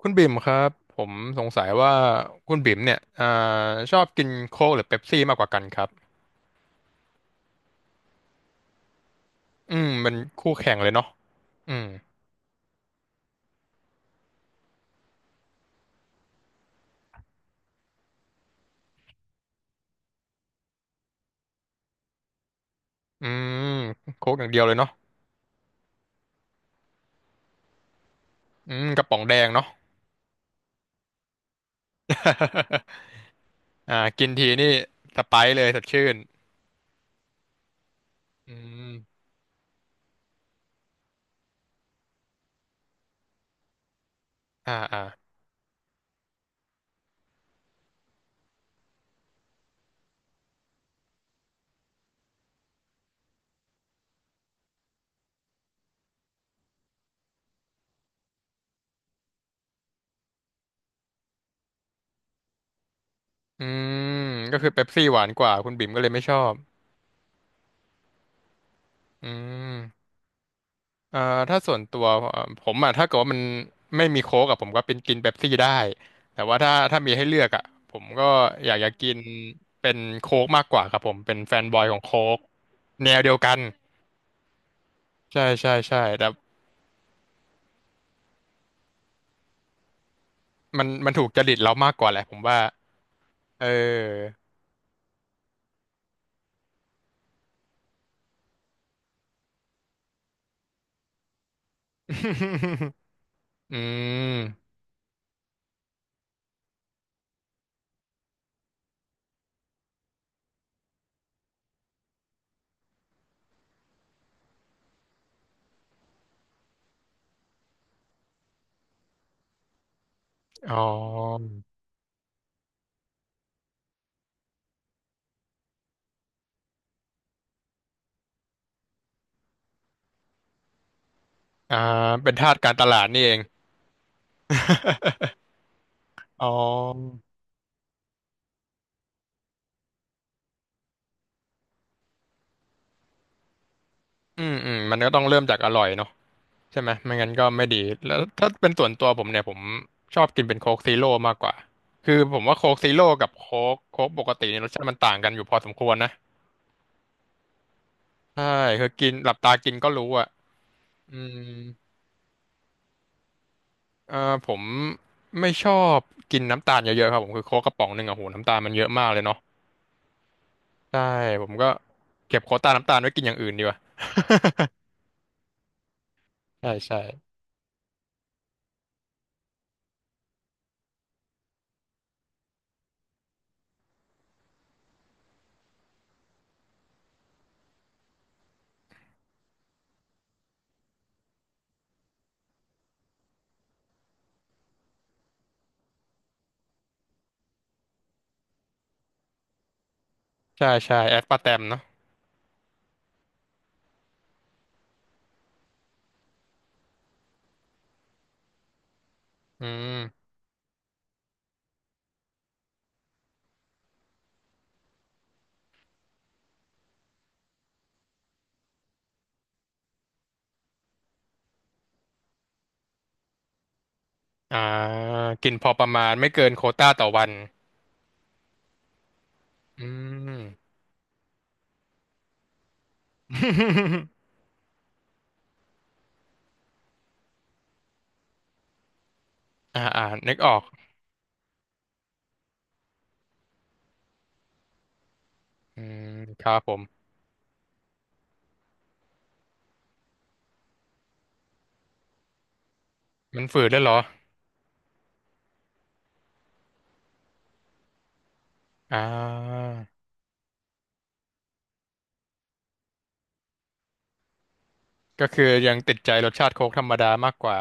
คุณบิ่มครับผมสงสัยว่าคุณบิ่มเนี่ยชอบกินโค้กหรือเป๊ปซี่มากกว่ากันครับอืมเป็นคู่แข่งเลยเนาะอืมอืมโค้กอย่างเดียวเลยเนาะอืมกระป๋องแดงเนาะ อ่ากินทีนี่สไปร์เลยสดชื่นอืมอ่าอ่าอืมก็คือเป๊ปซี่หวานกว่าคุณบิ่มก็เลยไม่ชอบอืม เอ่อถ้าส่วนตัวผมอ่ะถ้าเกิดว่ามันไม่มีโค้กอะผมก็เป็นกินเป๊ปซี่ได้แต่ว่าถ้ามีให้เลือกอ่ะผมก็อยากจะกินเป็นโค้กมากกว่าครับผมเป็นแฟนบอยของโค้กแนวเดียวกันใช่แต่มันถูกจริตเรามากกว่าแหละผมว่าเออ อืมอ๋ออ่าเป็นทาสการตลาดนี่เองอ๋ออืมอืมมันก็ต้องเริ่มจากอร่อยเนาะ ใช่ไหมไม่งั้นก็ไม่ดีแล้วถ้าเป็นส่วนตัวผมเนี่ยผมชอบกินเป็นโค้กซีโร่มากกว่าคือผมว่าโค้กซีโร่กับโค้กปกติเนี่ยรสชาติมันต่างกันอยู่พอสมควรนะใช่คือกินหลับตากินก็รู้อ่ะอืมผมไม่ชอบกินน้ำตาลเยอะๆครับผมคือโค้กกระป๋องหนึ่งอะโหน้ำตาลมันเยอะมากเลยเนาะใช่ผมก็เก็บโค้กตาน้ำตาลไว้กินอย่างอื่นดีกว่า ใช่ใช่ใช่ใช่แอสปาร์แตมเนาะอืมอ่ากินพอประมาณไม่เกินโควต้าต่อวันอืม อ่าอ่านึกออกอืมครับผมมันฝืดได้วยเหรออ่าก็คือยังติดใจรสชาติโค้กธรรมดามากกว่า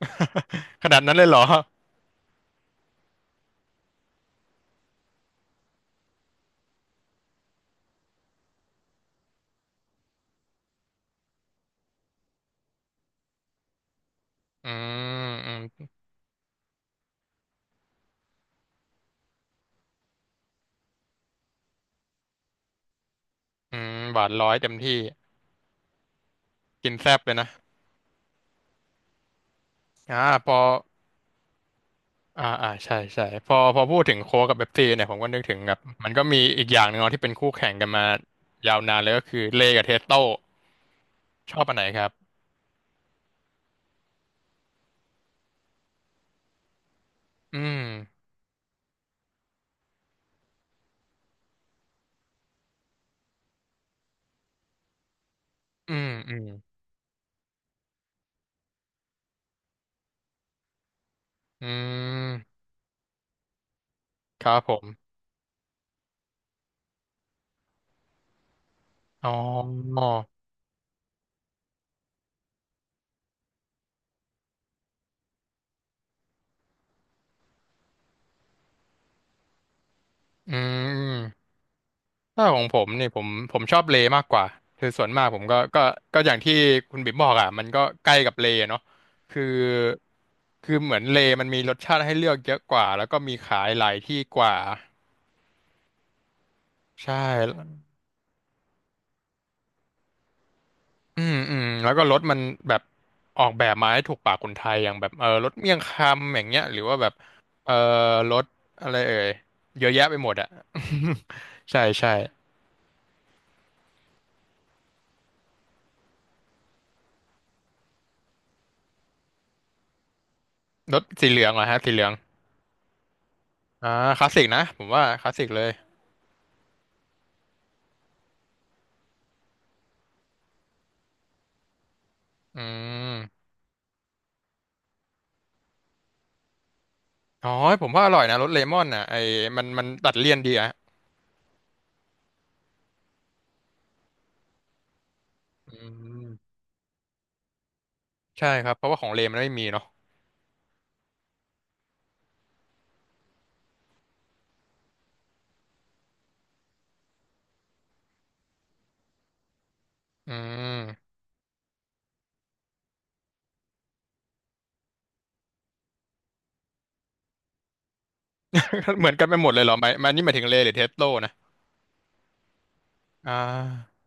ขนาดนั้นเลยเหรออืมอืมอืมหวานร้อยเต็มที่กินแซ่บเลยนะอ่าพออ่าอ่าใช่ใช่พอพูดถึงโค้กกับเบ๊ปซี่เนี่ยผมก็นึกถึงแบบมันก็มีอีกอย่างหนึ่งเนาะที่เป็นคู่แข่งกันมายาวนานเลยก็คือเลกับเทสโต้ชอบอันไหนครับอืมอืมอืมอืมครับผมอ๋อ อืมถ้าของผมนี่ผมชอบเลมากกว่าคือส่วนมากผมก็ก็อย่างที่คุณบิ๊มบอกอ่ะมันก็ใกล้กับเลเนาะคือคือเหมือนเลมันมีรสชาติให้เลือกเยอะกว่าแล้วก็มีขายหลายที่กว่าใช่อืมอืมแล้วก็รถมันแบบออกแบบมาให้ถูกปากคนไทยอย่างแบบเออรสเมี่ยงคำอย่างเงี้ยหรือว่าแบบเออรสอะไรเอ่ยเยอะแยะไปหมดอ่ะ ใช่ใช่รสสีเหลืองเหรอฮะสีเหลืองอ่าคลาสสิกนะผมว่าคลาสสิกเลย อืมอ๋อผมว่าอร่อยนะรสเลมอนน่ะไอ้มันตัดเลี่ยนดีอะอืมใช่ครับเพราะว่าของเลมันไม่มีเนาะอืม เหมือนกันไปหมดเลยเหรอหมายหมันนี่หมายถึงเลหรือเทสโลนะอ่า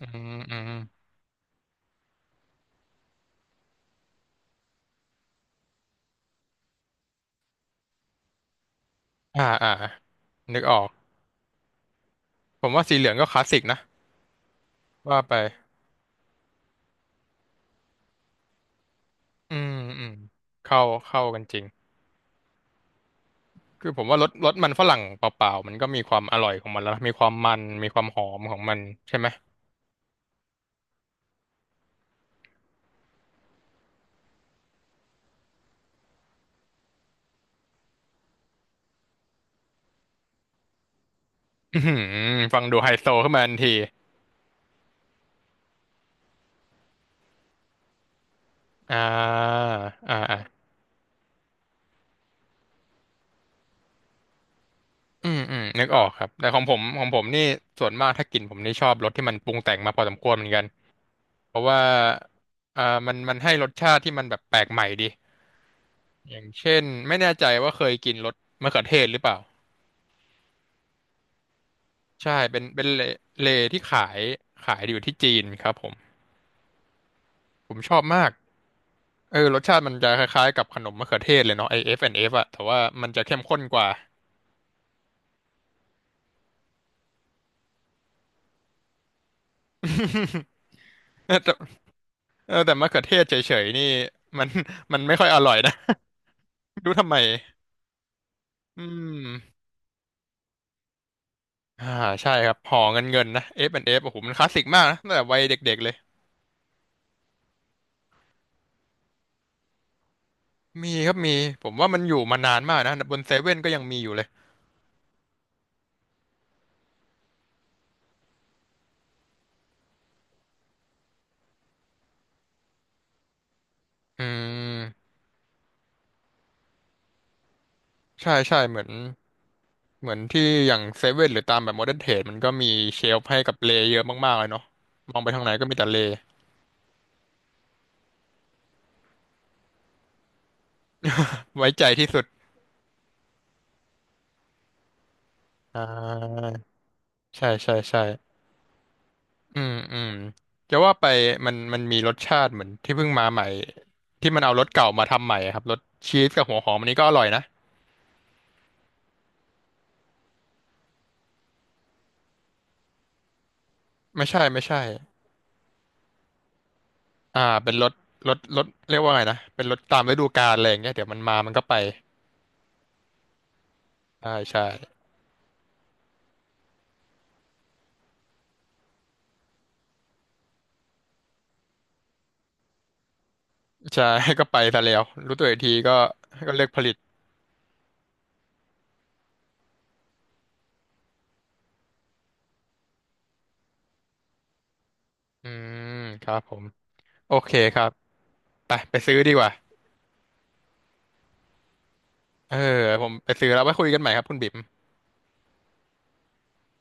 อืมอืมอ่าอ่านึกออกผมว่าสีเหลืองก็คลาสสิกนะว่าไปอืมอืมเข้าเข้ากันจริงคือผมว่ารสมันฝรั่งเปล่าๆมันก็มีความอร่อยของมันแล้วนะมีความมันมีความหอมของมันใช่ไหมอื้อหือฟังดูไฮโซขึ้นมาทันทีอ่าอ่าอ่า อืมอืมนึกออกครับแต่ของผมนี่ส่วนมากถ้ากินผมนี่ชอบรสที่มันปรุงแต่งมาพอสมควรเหมือนกันเพราะว่าอ่ามันให้รสชาติที่มันแบบแปลกใหม่ดีอย่างเช่นไม่แน่ใจว่าเคยกินรสมะเขือเทศหรือเปล่าใช่เป็นเลเลที่ขายอยู่ที่จีนครับผมผมชอบมากเออรสชาติมันจะคล้ายๆกับขนมมะเขือเทศเลยเนาะไอเอฟแอนด์เอฟอะแต่ว่ามันจะเข้มข้นกว่า แต่เออแต่มะเขือเทศเฉยๆนี่มันมันไม่ค่อยอร่อยนะ รู้ทำไมอืม อ่าใช่ครับหอเงินเงินนะ F and F โอ้โหมันคลาสสิกมากนะตั้งแต่วัยเด็กๆเลยมีครับมีผมว่ามันอยู่มานานมากนะบนเซเว่นก็ยังมีอยู่เลยอืมใช่ใช่เหมือนที่อย่างเซเว่นหรือตามแบบโมเดิร์นเทรดมันก็มีเชลฟ์ให้กับเลเยอะมากๆเลยเนาะมองไปทางไหนก็มีแต่เลไว้ใจที่สุดอ่าใช่ใช่ใช่อืมอืมจะว่าไปมันมีรสชาติเหมือนที่เพิ่งมาใหม่ที่มันเอารสเก่ามาทำใหม่อะครับรสชีสกับหัวหอมอันนี้ก็อร่อยนะไม่ใช่ อ่าเป็นรถรถเรียกว่าไงนะเป็นรถตามฤดูกาลอะไรอย่างเงี้ยเดี๋ยวมันมามันก็ไปใช่ใช่ใช่ ก็ไปซะแล้วรู้ตัวอีกทีก็ก็เลิกผลิตอืมครับผมโอเคครับไปไปซื้อดีกว่าเออผมไปซื้อแล้วไว้คุยกันใหม่ครับคุณบิ๊ม